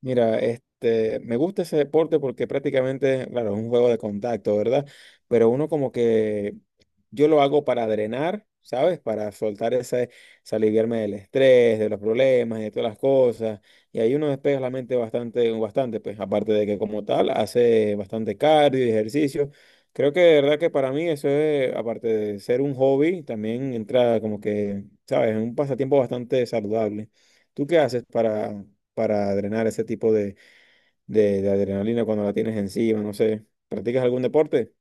Mira, me gusta ese deporte porque prácticamente, claro, es un juego de contacto, ¿verdad? Pero uno como que yo lo hago para drenar, ¿sabes? Para soltar ese, se aliviarme del estrés, de los problemas, de todas las cosas. Y ahí uno despeja la mente bastante, bastante, pues, aparte de que como tal hace bastante cardio y ejercicio. Creo que de verdad que para mí eso es, aparte de ser un hobby, también entra como que, ¿sabes? En un pasatiempo bastante saludable. ¿Tú qué haces para drenar ese tipo de, de adrenalina cuando la tienes encima? No sé, ¿practicas algún deporte?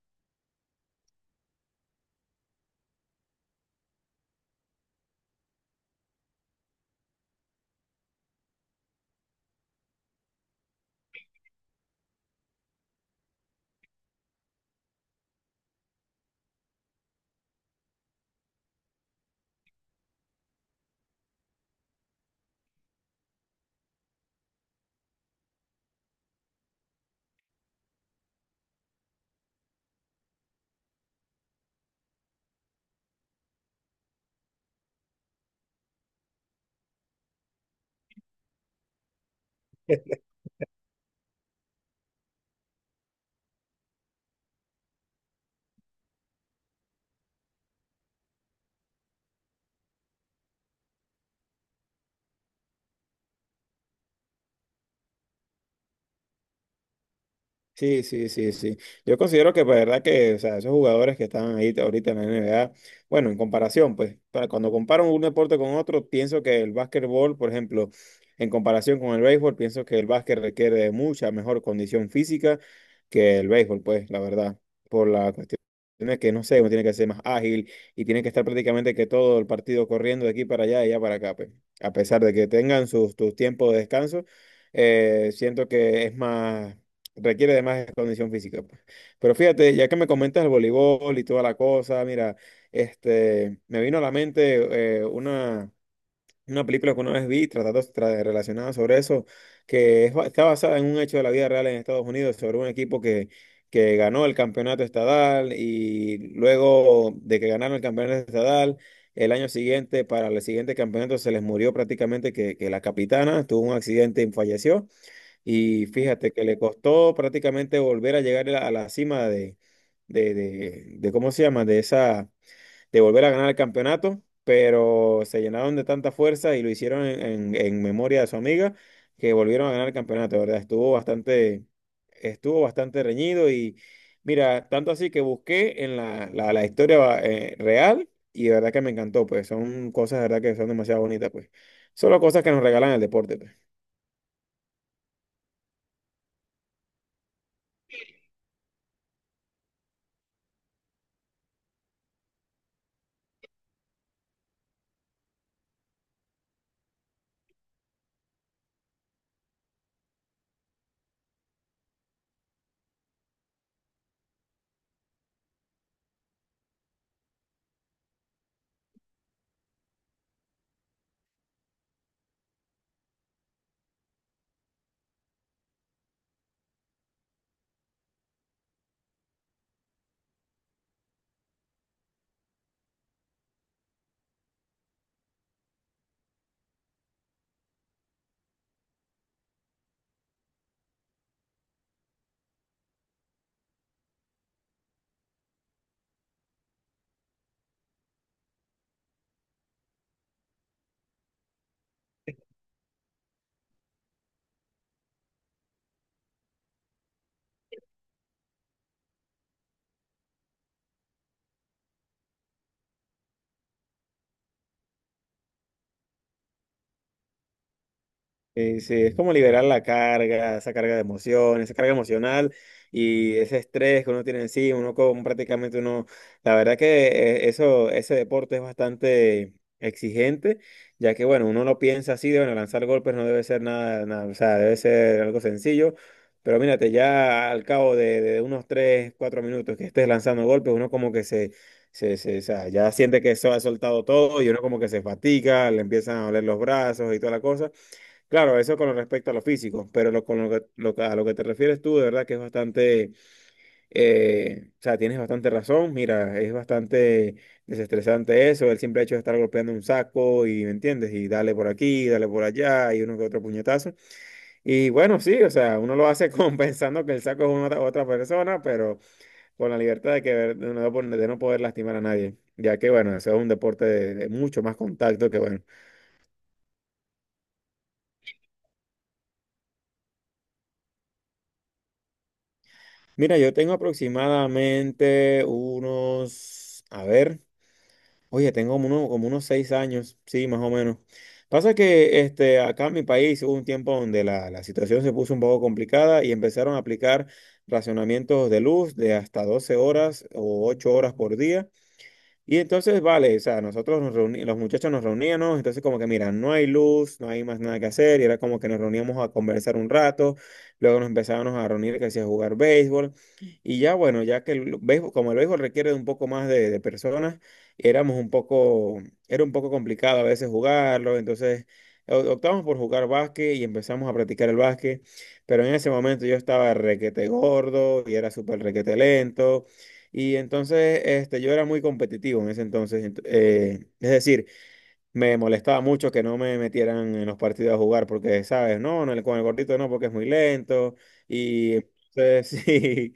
Sí, sí, sí, sí. Yo considero que, pues, verdad que, o sea, esos jugadores que están ahí ahorita en la NBA, bueno, en comparación, pues, para cuando comparo un deporte con otro, pienso que el básquetbol, por ejemplo, en comparación con el béisbol, pienso que el básquet requiere de mucha mejor condición física que el béisbol, pues, la verdad, por la cuestión de que, no sé, uno tiene que ser más ágil y tiene que estar prácticamente que todo el partido corriendo de aquí para allá y allá para acá, pues, a pesar de que tengan tus tiempos de descanso. Siento que es más, requiere de más condición física, pues. Pero fíjate, ya que me comentas el voleibol y toda la cosa, mira, me vino a la mente una, película que una vez vi tratando relacionada sobre eso, que es está basada en un hecho de la vida real en Estados Unidos, sobre un equipo que, ganó el campeonato estadal y luego de que ganaron el campeonato estadal. El año siguiente, para el siguiente campeonato, se les murió prácticamente que, la capitana tuvo un accidente y falleció. Y fíjate que le costó prácticamente volver a llegar a la cima de, ¿cómo se llama? De esa, de volver a ganar el campeonato, pero se llenaron de tanta fuerza y lo hicieron en, en memoria de su amiga que volvieron a ganar el campeonato, ¿verdad? Estuvo bastante reñido y mira, tanto así que busqué en la historia real y de verdad que me encantó, pues son cosas de verdad que son demasiado bonitas, pues. Solo cosas que nos regalan el deporte, pues. Sí, sí, es como liberar la carga, esa carga de emociones, esa carga emocional y ese estrés que uno tiene encima, uno como prácticamente uno, la verdad que ese deporte es bastante exigente, ya que bueno, uno no piensa así de bueno, lanzar golpes no debe ser nada, nada, o sea, debe ser algo sencillo, pero mírate, ya al cabo de unos 3 4 minutos que estés lanzando golpes, uno como que se, o sea, ya siente que eso ha soltado todo y uno como que se fatiga, le empiezan a doler los brazos y toda la cosa. Claro, eso con respecto a lo físico, pero lo, con lo que- a lo que te refieres tú, de verdad que es bastante, o sea, tienes bastante razón, mira, es bastante desestresante eso, el simple hecho de estar golpeando un saco y, ¿me entiendes? Y dale por aquí, dale por allá, y uno que otro puñetazo. Y bueno, sí, o sea, uno lo hace con, pensando que el saco es otra persona, pero con la libertad de, de no, poder lastimar a nadie, ya que bueno, eso es un deporte de, mucho más contacto que bueno. Mira, yo tengo aproximadamente unos, a ver, oye, tengo como, como unos 6 años, sí, más o menos. Pasa que acá en mi país hubo un tiempo donde la situación se puso un poco complicada y empezaron a aplicar racionamientos de luz de hasta 12 horas o 8 horas por día. Y entonces, vale, o sea, nosotros los muchachos nos reuníamos, entonces como que, mira, no hay luz, no hay más nada que hacer, y era como que nos reuníamos a conversar un rato, luego nos empezábamos a reunir, que hacía jugar béisbol, y ya bueno, ya que el béisbol, como el béisbol requiere de un poco más de, personas, éramos un poco, era un poco complicado a veces jugarlo, entonces optamos por jugar básquet y empezamos a practicar el básquet, pero en ese momento yo estaba requete gordo y era súper requete lento. Y entonces yo era muy competitivo en ese entonces. Es decir, me molestaba mucho que no me metieran en los partidos a jugar porque, ¿sabes? No, no, con el gordito no, porque es muy lento. Y entonces, sí.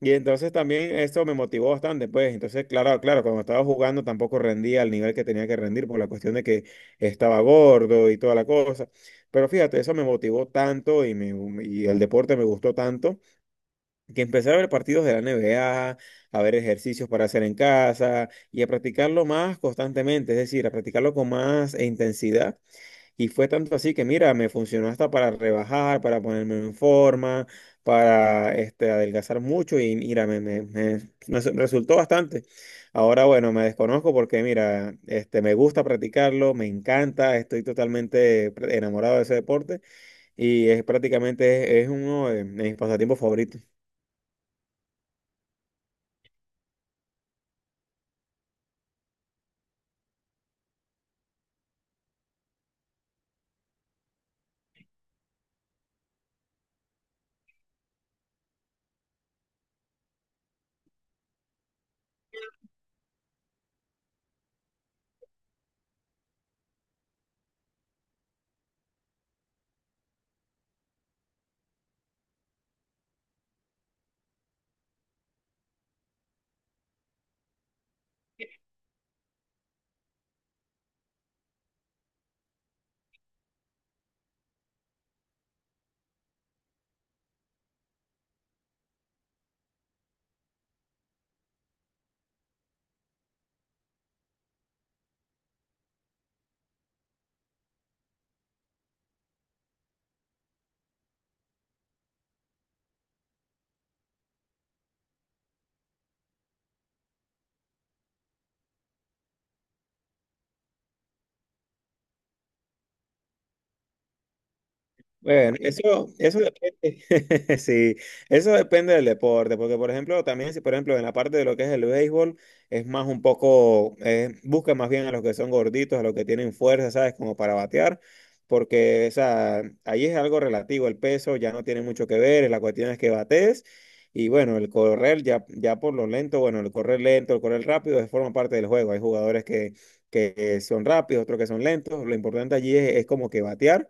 Y entonces también esto me motivó bastante, pues. Entonces, claro, claro, cuando estaba jugando tampoco rendía al nivel que tenía que rendir por la cuestión de que estaba gordo y toda la cosa. Pero fíjate, eso me motivó tanto y, me, y el deporte me gustó tanto que empezar a ver partidos de la NBA, a ver ejercicios para hacer en casa y a practicarlo más constantemente, es decir, a practicarlo con más intensidad. Y fue tanto así que, mira, me funcionó hasta para rebajar, para ponerme en forma, para adelgazar mucho y mira, me- me- me- su- resultó bastante. Ahora, bueno, me desconozco porque, mira, me gusta practicarlo, me encanta, estoy totalmente enamorado de ese deporte y es prácticamente es uno de mis pasatiempos favoritos. Bueno, eso depende, sí, eso depende del deporte, porque por ejemplo, también si por ejemplo en la parte de lo que es el béisbol, es más un poco, busca más bien a los que son gorditos, a los que tienen fuerza, ¿sabes? Como para batear, porque o sea, ahí es algo relativo, el peso ya no tiene mucho que ver, la cuestión es que bates, y bueno, el correr ya, ya por lo lento, bueno, el correr lento, el correr rápido, es forma parte del juego, hay jugadores que, son rápidos, otros que son lentos, lo importante allí es como que batear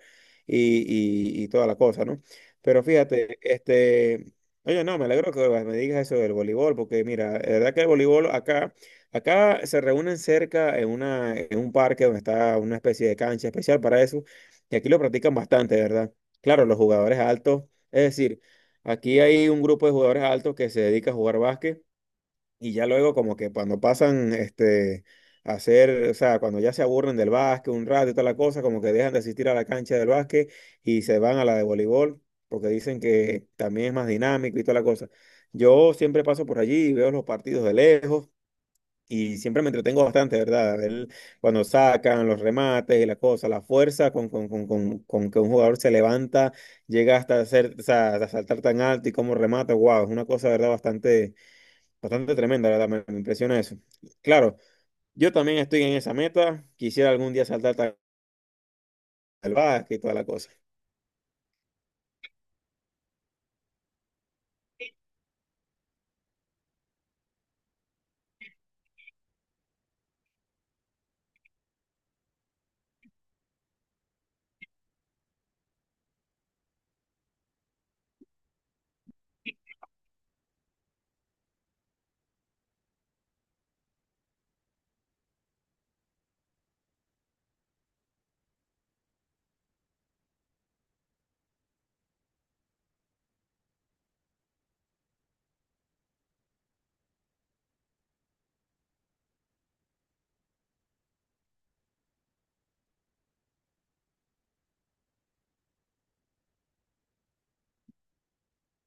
y, y toda la cosa, ¿no? Pero fíjate, oye, no, me alegro que me digas eso del voleibol, porque mira, la verdad que el voleibol acá se reúnen cerca en una, en un parque donde está una especie de cancha especial para eso, y aquí lo practican bastante, ¿verdad? Claro, los jugadores altos, es decir, aquí hay un grupo de jugadores altos que se dedica a jugar básquet y ya luego como que cuando pasan a hacer, o sea, cuando ya se aburren del básquet un rato y toda la cosa, como que dejan de asistir a la cancha del básquet y se van a la de voleibol, porque dicen que también es más dinámico y toda la cosa. Yo siempre paso por allí y veo los partidos de lejos y siempre me entretengo bastante, ¿verdad? A ver cuando sacan los remates y la cosa, la fuerza con, que un jugador se levanta, llega hasta hacer, o sea, hasta saltar tan alto y cómo remata, wow, es una cosa, ¿verdad? Bastante tremenda, la verdad, me impresiona eso. Claro, yo también estoy en esa meta. Quisiera algún día saltar al básquet y toda la cosa.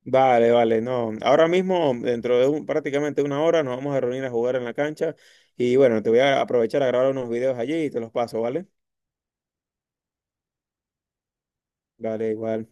Vale, vale, no. Ahora mismo, dentro de prácticamente una hora, nos vamos a reunir a jugar en la cancha. Y bueno, te voy a aprovechar a grabar unos videos allí y te los paso, ¿vale? Vale, igual.